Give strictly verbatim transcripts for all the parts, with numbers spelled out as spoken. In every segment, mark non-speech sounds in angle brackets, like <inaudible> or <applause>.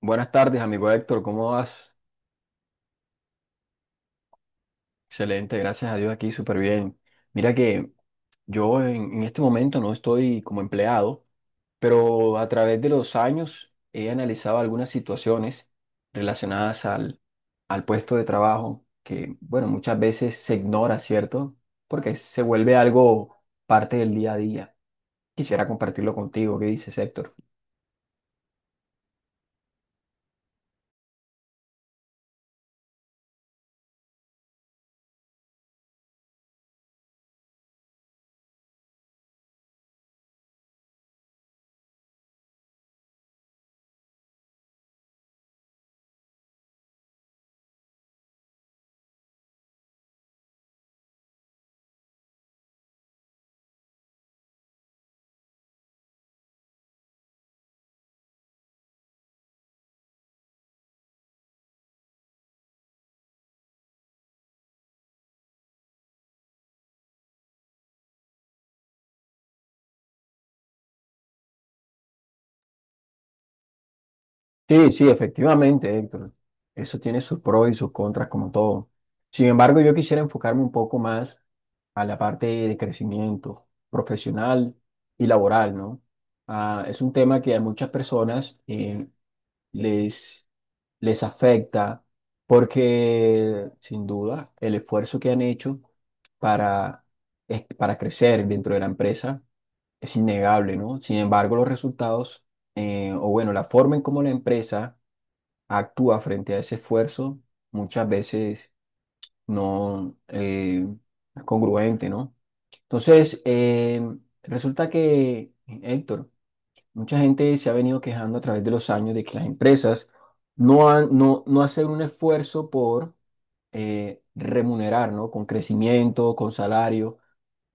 Buenas tardes, amigo Héctor, ¿cómo vas? Excelente, gracias a Dios aquí, súper bien. Mira que yo en, en este momento no estoy como empleado, pero a través de los años he analizado algunas situaciones relacionadas al, al puesto de trabajo que, bueno, muchas veces se ignora, ¿cierto? Porque se vuelve algo parte del día a día. Quisiera compartirlo contigo, ¿qué dices, Héctor? Sí, sí, efectivamente, Héctor. Eso tiene sus pros y sus contras, como todo. Sin embargo, yo quisiera enfocarme un poco más a la parte de crecimiento profesional y laboral, ¿no? Ah, es un tema que a muchas personas eh, les, les afecta porque, sin duda, el esfuerzo que han hecho para, es- para crecer dentro de la empresa es innegable, ¿no? Sin embargo, los resultados, eh, o bueno, la forma en cómo la empresa actúa frente a ese esfuerzo, muchas veces no eh, es congruente, ¿no? Entonces, eh, resulta que, Héctor, mucha gente se ha venido quejando a través de los años de que las empresas no, han, no, no hacen un esfuerzo por eh, remunerar, ¿no? Con crecimiento, con salario,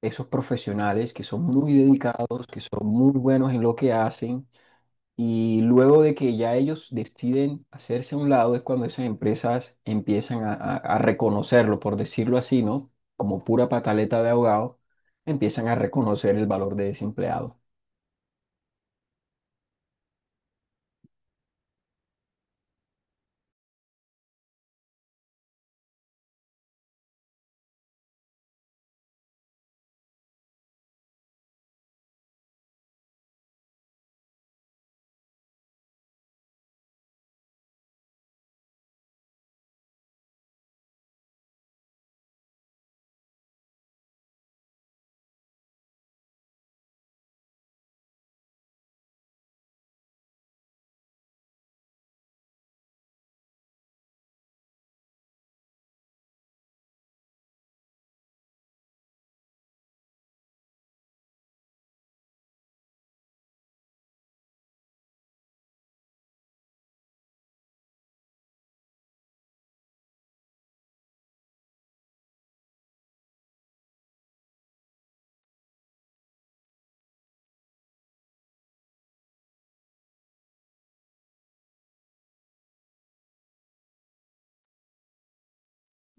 esos profesionales que son muy dedicados, que son muy buenos en lo que hacen y luego de que ya ellos deciden hacerse a un lado, es cuando esas empresas empiezan a, a- a reconocerlo, por decirlo así, ¿no? Como pura pataleta de ahogado, empiezan a reconocer el valor de ese empleado.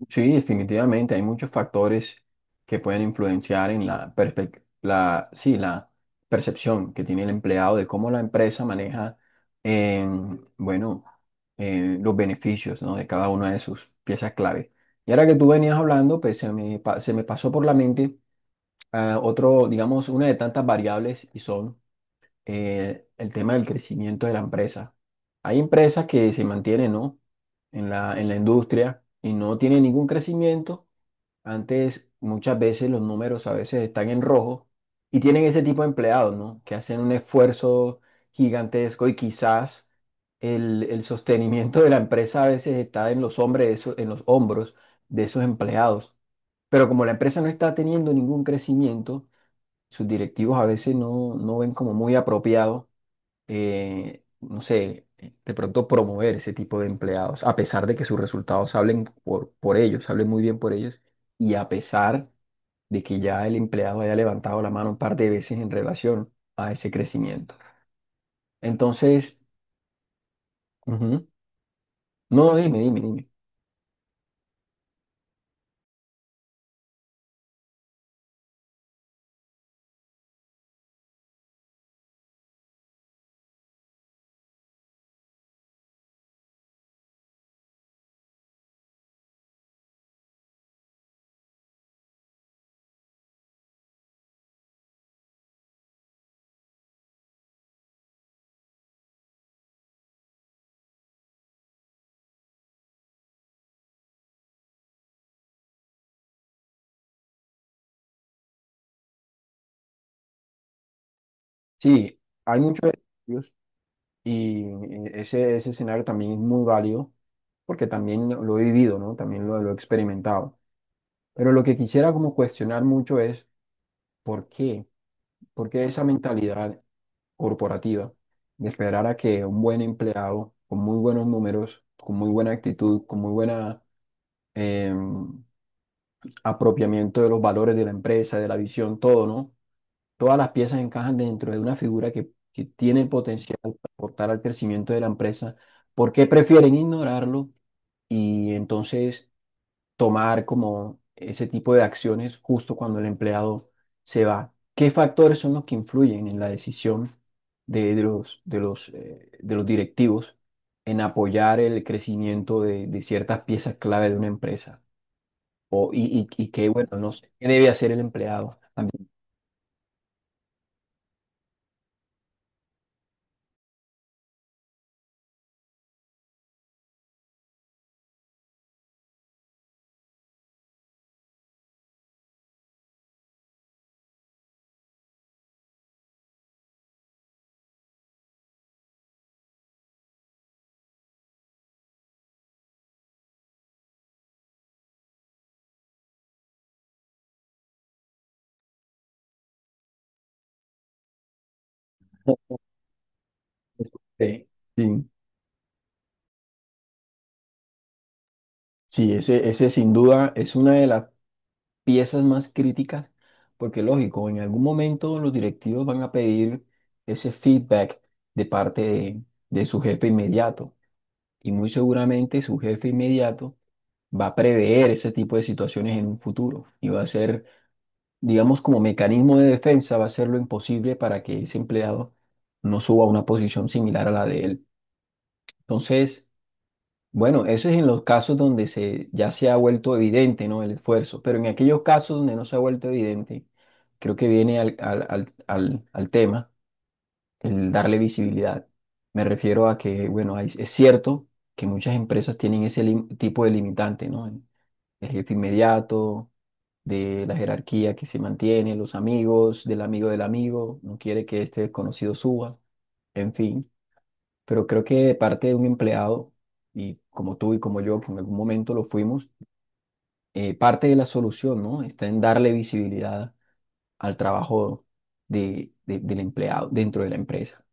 Sí, definitivamente, hay muchos factores que pueden influenciar en la, perspec- la, sí, la percepción que tiene el empleado de cómo la empresa maneja, em, bueno, eh, los beneficios, ¿no? de cada una de sus piezas clave. Y ahora que tú venías hablando, pues se me, pa- se me pasó por la mente ah, otro, digamos, una de tantas variables y son eh, el tema del crecimiento de la empresa. Hay empresas que se mantienen, ¿no? en la, en la industria y no tienen ningún crecimiento. Antes, muchas veces los números a veces están en rojo y tienen ese tipo de empleados, ¿no? Que hacen un esfuerzo gigantesco y quizás el, el sostenimiento de la empresa a veces está en los hombres de esos- en los hombros de esos empleados. Pero como la empresa no está teniendo ningún crecimiento, sus directivos a veces no, no ven como muy apropiado eh, no sé, de pronto promover ese tipo de empleados, a pesar de que sus resultados hablen por, por ellos, hablen muy bien por ellos, y a pesar de que ya el empleado haya levantado la mano un par de veces en relación a ese crecimiento. Entonces, ujú. No, no, dime, dime, dime. Sí, hay muchos estudios y eh, ese, ese escenario también es muy válido porque también lo lo he vivido, ¿no? También lo, lo he experimentado. Pero lo que quisiera como cuestionar mucho es, ¿por qué? Porque esa mentalidad corporativa de esperar a que un buen empleado con muy buenos números, con muy buena actitud, con muy buena em, apropiamiento de los valores de la empresa, de la visión, todo, ¿no? Todas las piezas encajan dentro de una figura que, que tiene el potencial para aportar al crecimiento de la empresa. ¿Por qué prefieren ignorarlo? Y entonces tomar como ese tipo de acciones justo cuando el empleado se va. ¿Qué factores son los que influyen en la decisión de, de los, de los, eh, de los directivos en apoyar el crecimiento de, de ciertas piezas clave de una empresa? O, y, y, y qué, bueno, no sé, qué debe hacer el empleado. <laughs> Sí, sí, sí, ese, ese sin duda es una de las piezas más críticas, porque lógico, en algún momento los directivos van a pedir ese feedback de parte de, de su jefe inmediato y muy seguramente su jefe inmediato va a prever ese tipo de situaciones en un futuro y va a ser, digamos, como mecanismo de defensa, va a hacer lo imposible para que ese empleado no suba a una posición similar a la de él. Entonces, bueno, eso es en los casos donde se, ya se ha vuelto evidente, ¿no? El esfuerzo, pero en aquellos casos donde no se ha vuelto evidente, creo que viene al, al, al, al- al tema, el darle visibilidad. Me refiero a que, bueno, hay- es cierto que muchas empresas tienen ese lim- tipo de limitante, ¿no? El, el jefe inmediato, de la jerarquía que se mantiene, los amigos, del amigo del amigo, no quiere que este desconocido suba, en fin, pero creo que de parte de un empleado, y como tú y como yo, que en algún momento lo fuimos, eh, parte de la solución, ¿no? Está en darle visibilidad al trabajo de, de- del empleado dentro de la empresa.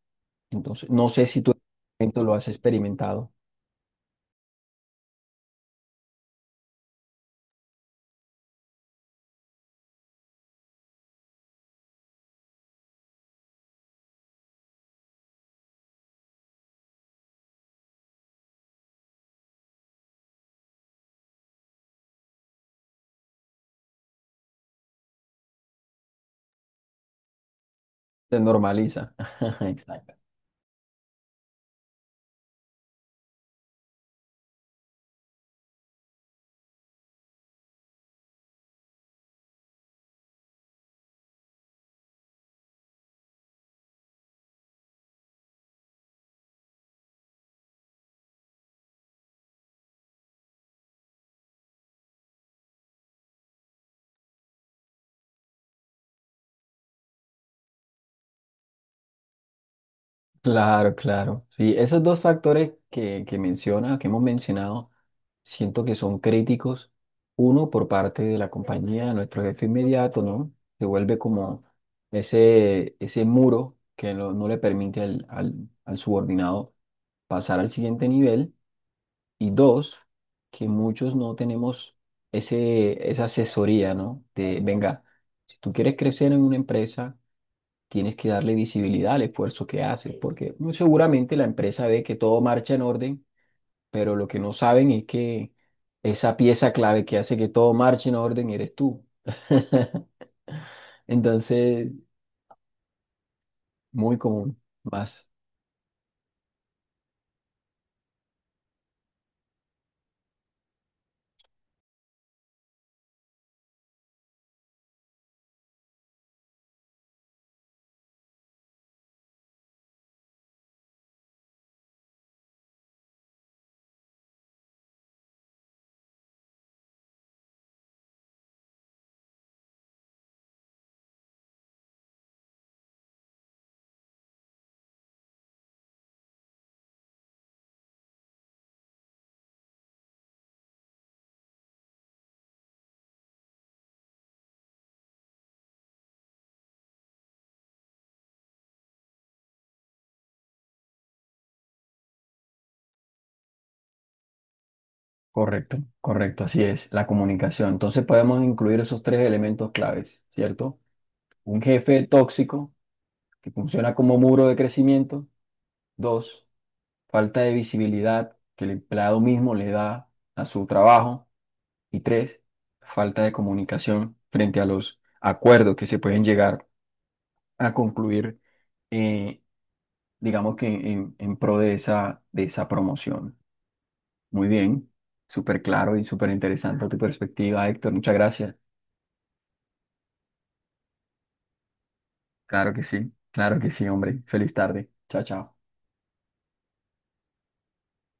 Entonces, no sé si tú en algún momento lo has experimentado, se normaliza. <laughs> Exacto. Claro, claro. Sí, esos dos factores que, que menciona, que hemos mencionado, siento que son críticos. Uno, por parte de la compañía, nuestro jefe inmediato, ¿no? Se vuelve como ese, ese muro que no, no le permite al, al, al subordinado pasar al siguiente nivel. Y dos, que muchos no tenemos ese, esa asesoría, ¿no? De, venga, si tú quieres crecer en una empresa, tienes que darle visibilidad al esfuerzo que haces, porque muy seguramente la empresa ve que todo marcha en orden, pero lo que no saben es que esa pieza clave que hace que todo marche en orden eres tú. <laughs> Entonces, muy común, más. Correcto, correcto, así es, la comunicación. Entonces podemos incluir esos tres elementos claves, ¿cierto? Un jefe tóxico que funciona como muro de crecimiento. Dos, falta de visibilidad que el empleado mismo le da a su trabajo. Y tres, falta de comunicación frente a los acuerdos que se pueden llegar a concluir, eh, digamos que en, en pro de esa, de esa promoción. Muy bien, súper claro y súper interesante tu perspectiva, Héctor. Muchas gracias. Claro que sí, claro que sí, hombre. Feliz tarde. Chao, chao.